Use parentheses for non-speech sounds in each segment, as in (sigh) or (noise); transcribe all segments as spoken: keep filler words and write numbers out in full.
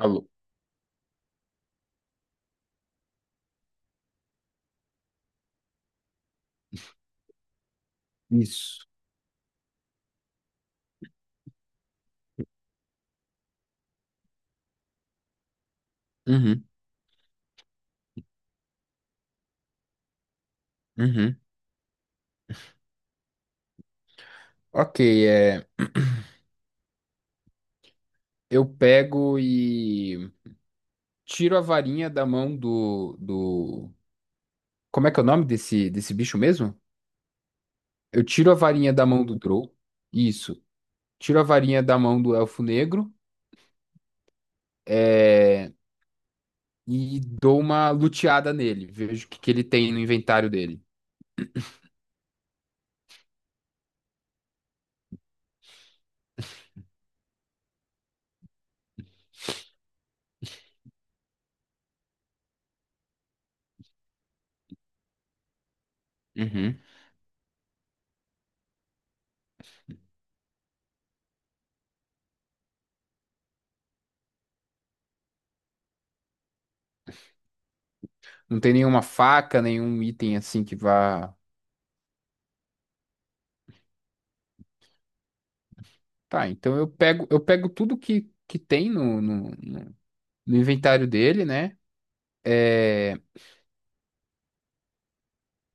Alô. Isso. Uhum, uhum. Ok, é, eu pego e tiro a varinha da mão do, do... Como é que é o nome desse, desse bicho mesmo? Eu tiro a varinha da mão do Drow. Isso. Tiro a varinha da mão do Elfo Negro, é, e dou uma luteada nele. Vejo o que, que ele tem no inventário dele. Uhum. Não tem nenhuma faca, nenhum item assim que vá. Tá, então eu pego, eu pego tudo que, que tem no, no, no no inventário dele, né? É,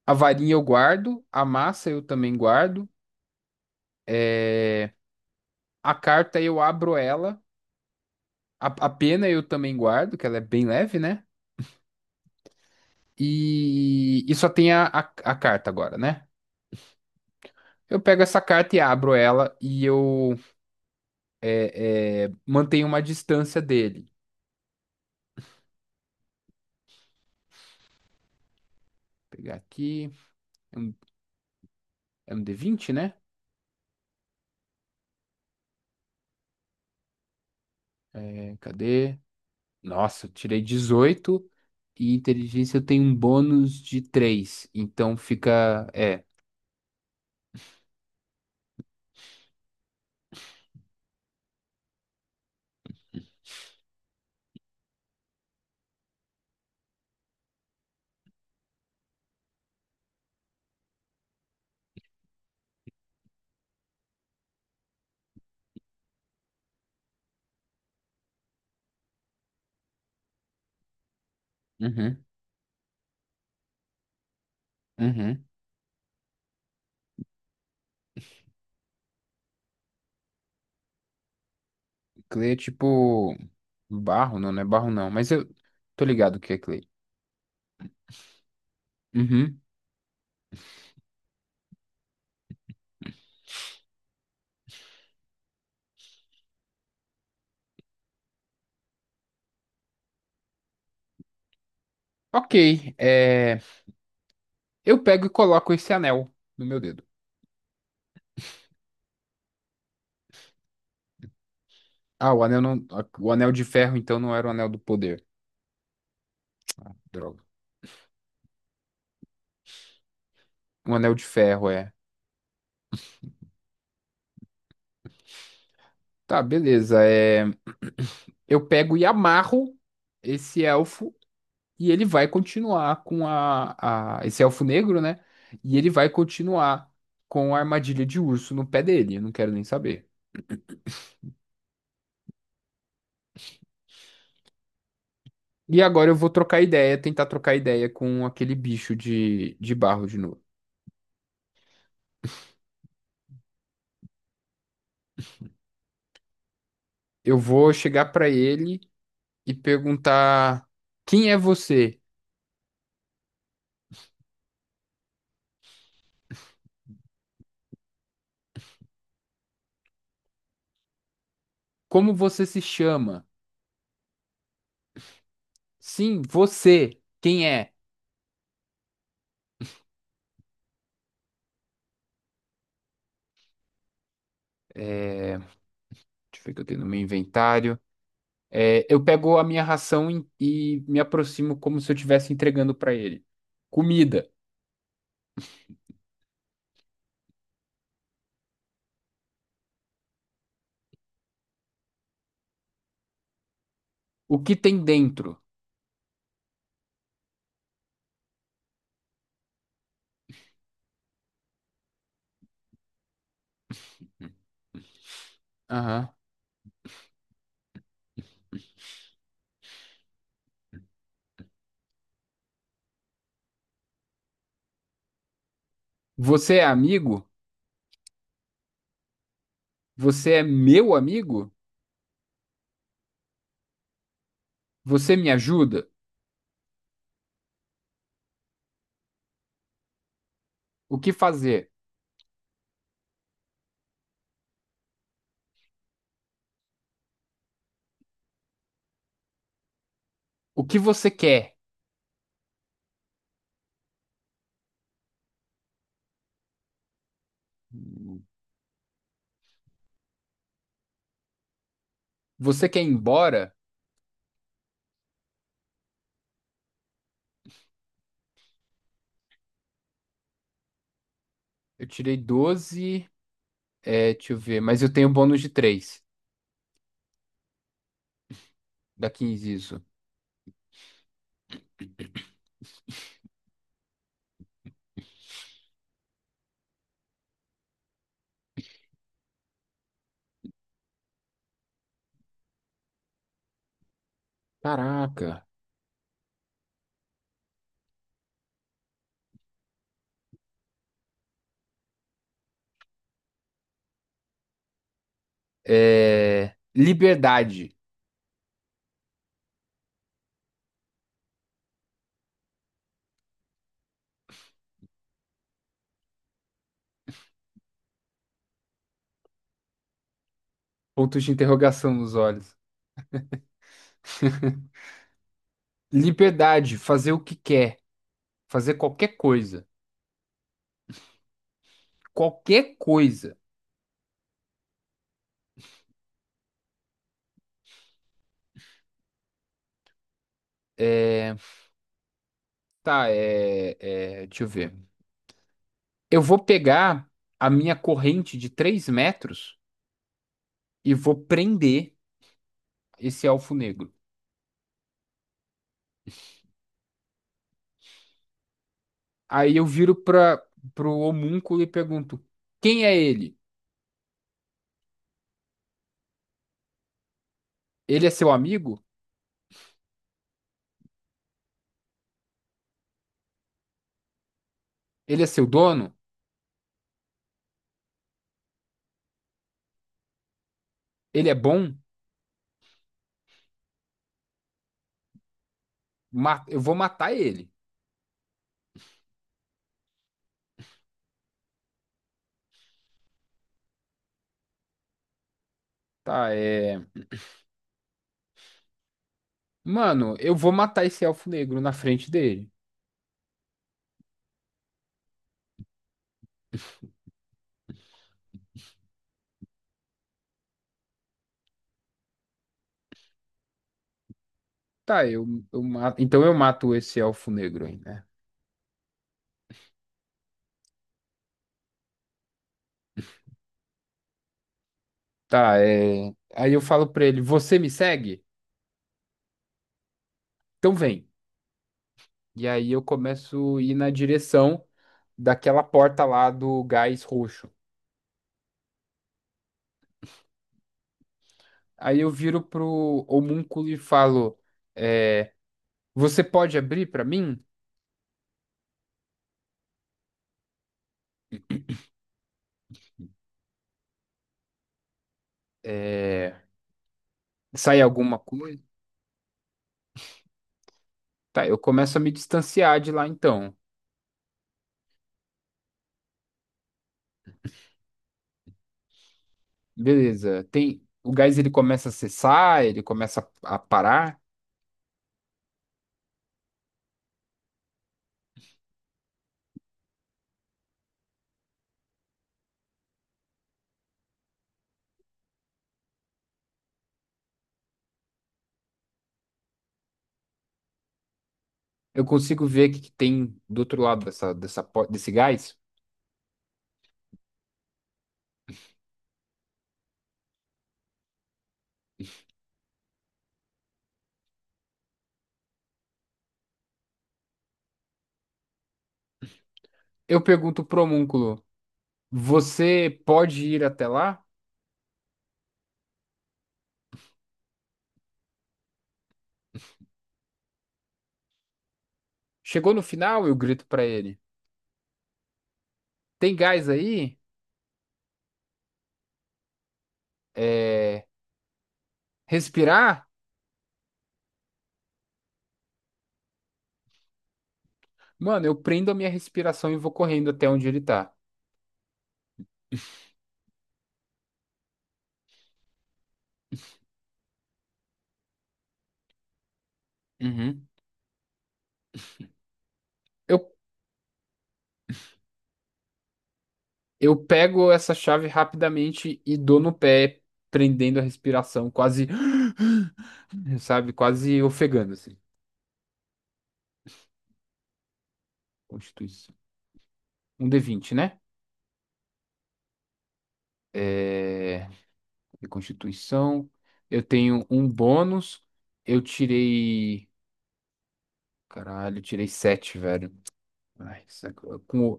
a varinha eu guardo, a massa eu também guardo, é, a carta eu abro ela, a, a pena eu também guardo, que ela é bem leve, né? E, e só tem a, a, a carta agora, né? Eu pego essa carta e abro ela e eu é, é, mantenho uma distância dele. Vou pegar aqui, é um, é um d vinte, né? É, cadê? Nossa, eu tirei dezoito e inteligência eu tenho um bônus de três, então fica. É. Uhum. Uhum. Clay é tipo barro, não, não é barro não, mas eu tô ligado o que é clay. Uhum. Ok, é... eu pego e coloco esse anel no meu dedo. Ah, o anel não, o anel de ferro então não era o anel do poder, droga. O anel de ferro é. Tá, beleza. É... (clears throat) Eu pego e amarro esse elfo e ele vai continuar com a, a... esse elfo negro, né? E ele vai continuar com a armadilha de urso no pé dele. Eu não quero nem saber. E agora eu vou trocar ideia, tentar trocar ideia com aquele bicho de, de barro de novo. Eu vou chegar pra ele e perguntar: quem é você? Como você se chama? Sim, você. Quem é? Deixa eu ver o que eu tenho no meu inventário. É, eu pego a minha ração e, e me aproximo como se eu estivesse entregando pra ele. Comida. O que tem dentro? Aham. Você é amigo? Você é meu amigo? Você me ajuda? O que fazer? O que você quer? Você quer ir embora? Eu tirei doze. É, deixa eu ver. Mas eu tenho um bônus de três. Dá quinze isso. Caraca. É, liberdade. Pontos de interrogação nos olhos. Liberdade. Fazer o que quer. Fazer qualquer coisa. Qualquer coisa. É, tá, é, é, deixa eu ver. Eu vou pegar a minha corrente de três metros e vou prender esse elfo negro. Aí eu viro para pro homúnculo e pergunto: quem é ele? Ele é seu amigo? Ele é seu dono? Ele é bom? Ma- eu vou matar ele. Tá, é. Mano, eu vou matar esse elfo negro na frente dele. Tá, eu, eu ma- então eu mato esse elfo negro aí, né? Tá, é. Aí eu falo pra ele: você me segue? Então vem. E aí eu começo a ir na direção daquela porta lá do gás roxo. Aí eu viro pro homúnculo e falo: é, você pode abrir pra mim? É, sai alguma coisa? Tá, eu começo a me distanciar de lá então. Beleza. Tem, o gás ele começa a cessar, ele começa a, a parar. Eu consigo ver o que, que tem do outro lado dessa, dessa, po- desse gás. Eu pergunto pro homúnculo: você pode ir até lá? Chegou no final, eu grito pra ele: tem gás aí? É, respirar? Mano, eu prendo a minha respiração e vou correndo até onde ele tá. Uhum. Eu, eu pego essa chave rapidamente e dou no pé, prendendo a respiração, quase, sabe? Quase ofegando, assim. Constituição. Um d vinte, né? É... e Constituição. Eu tenho um bônus. Eu tirei. Caralho, eu tirei sete, velho. Ai, saco- com... o-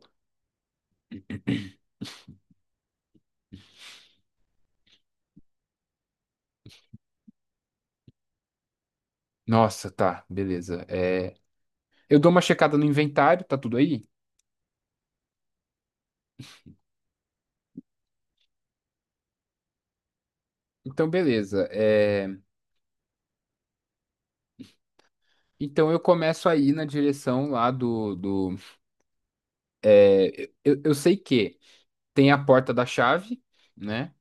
Nossa, tá, beleza. É... Eu dou uma checada no inventário, tá tudo aí? Então, beleza. É... Então, eu começo a ir na direção lá do. do... é, Eu, eu sei que tem a porta da chave, né?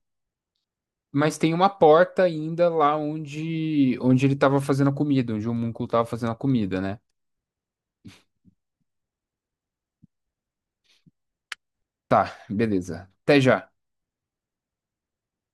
Mas tem uma porta ainda lá onde, onde ele estava fazendo a comida, onde o homúnculo estava fazendo a comida, né? Tá, beleza. Até já.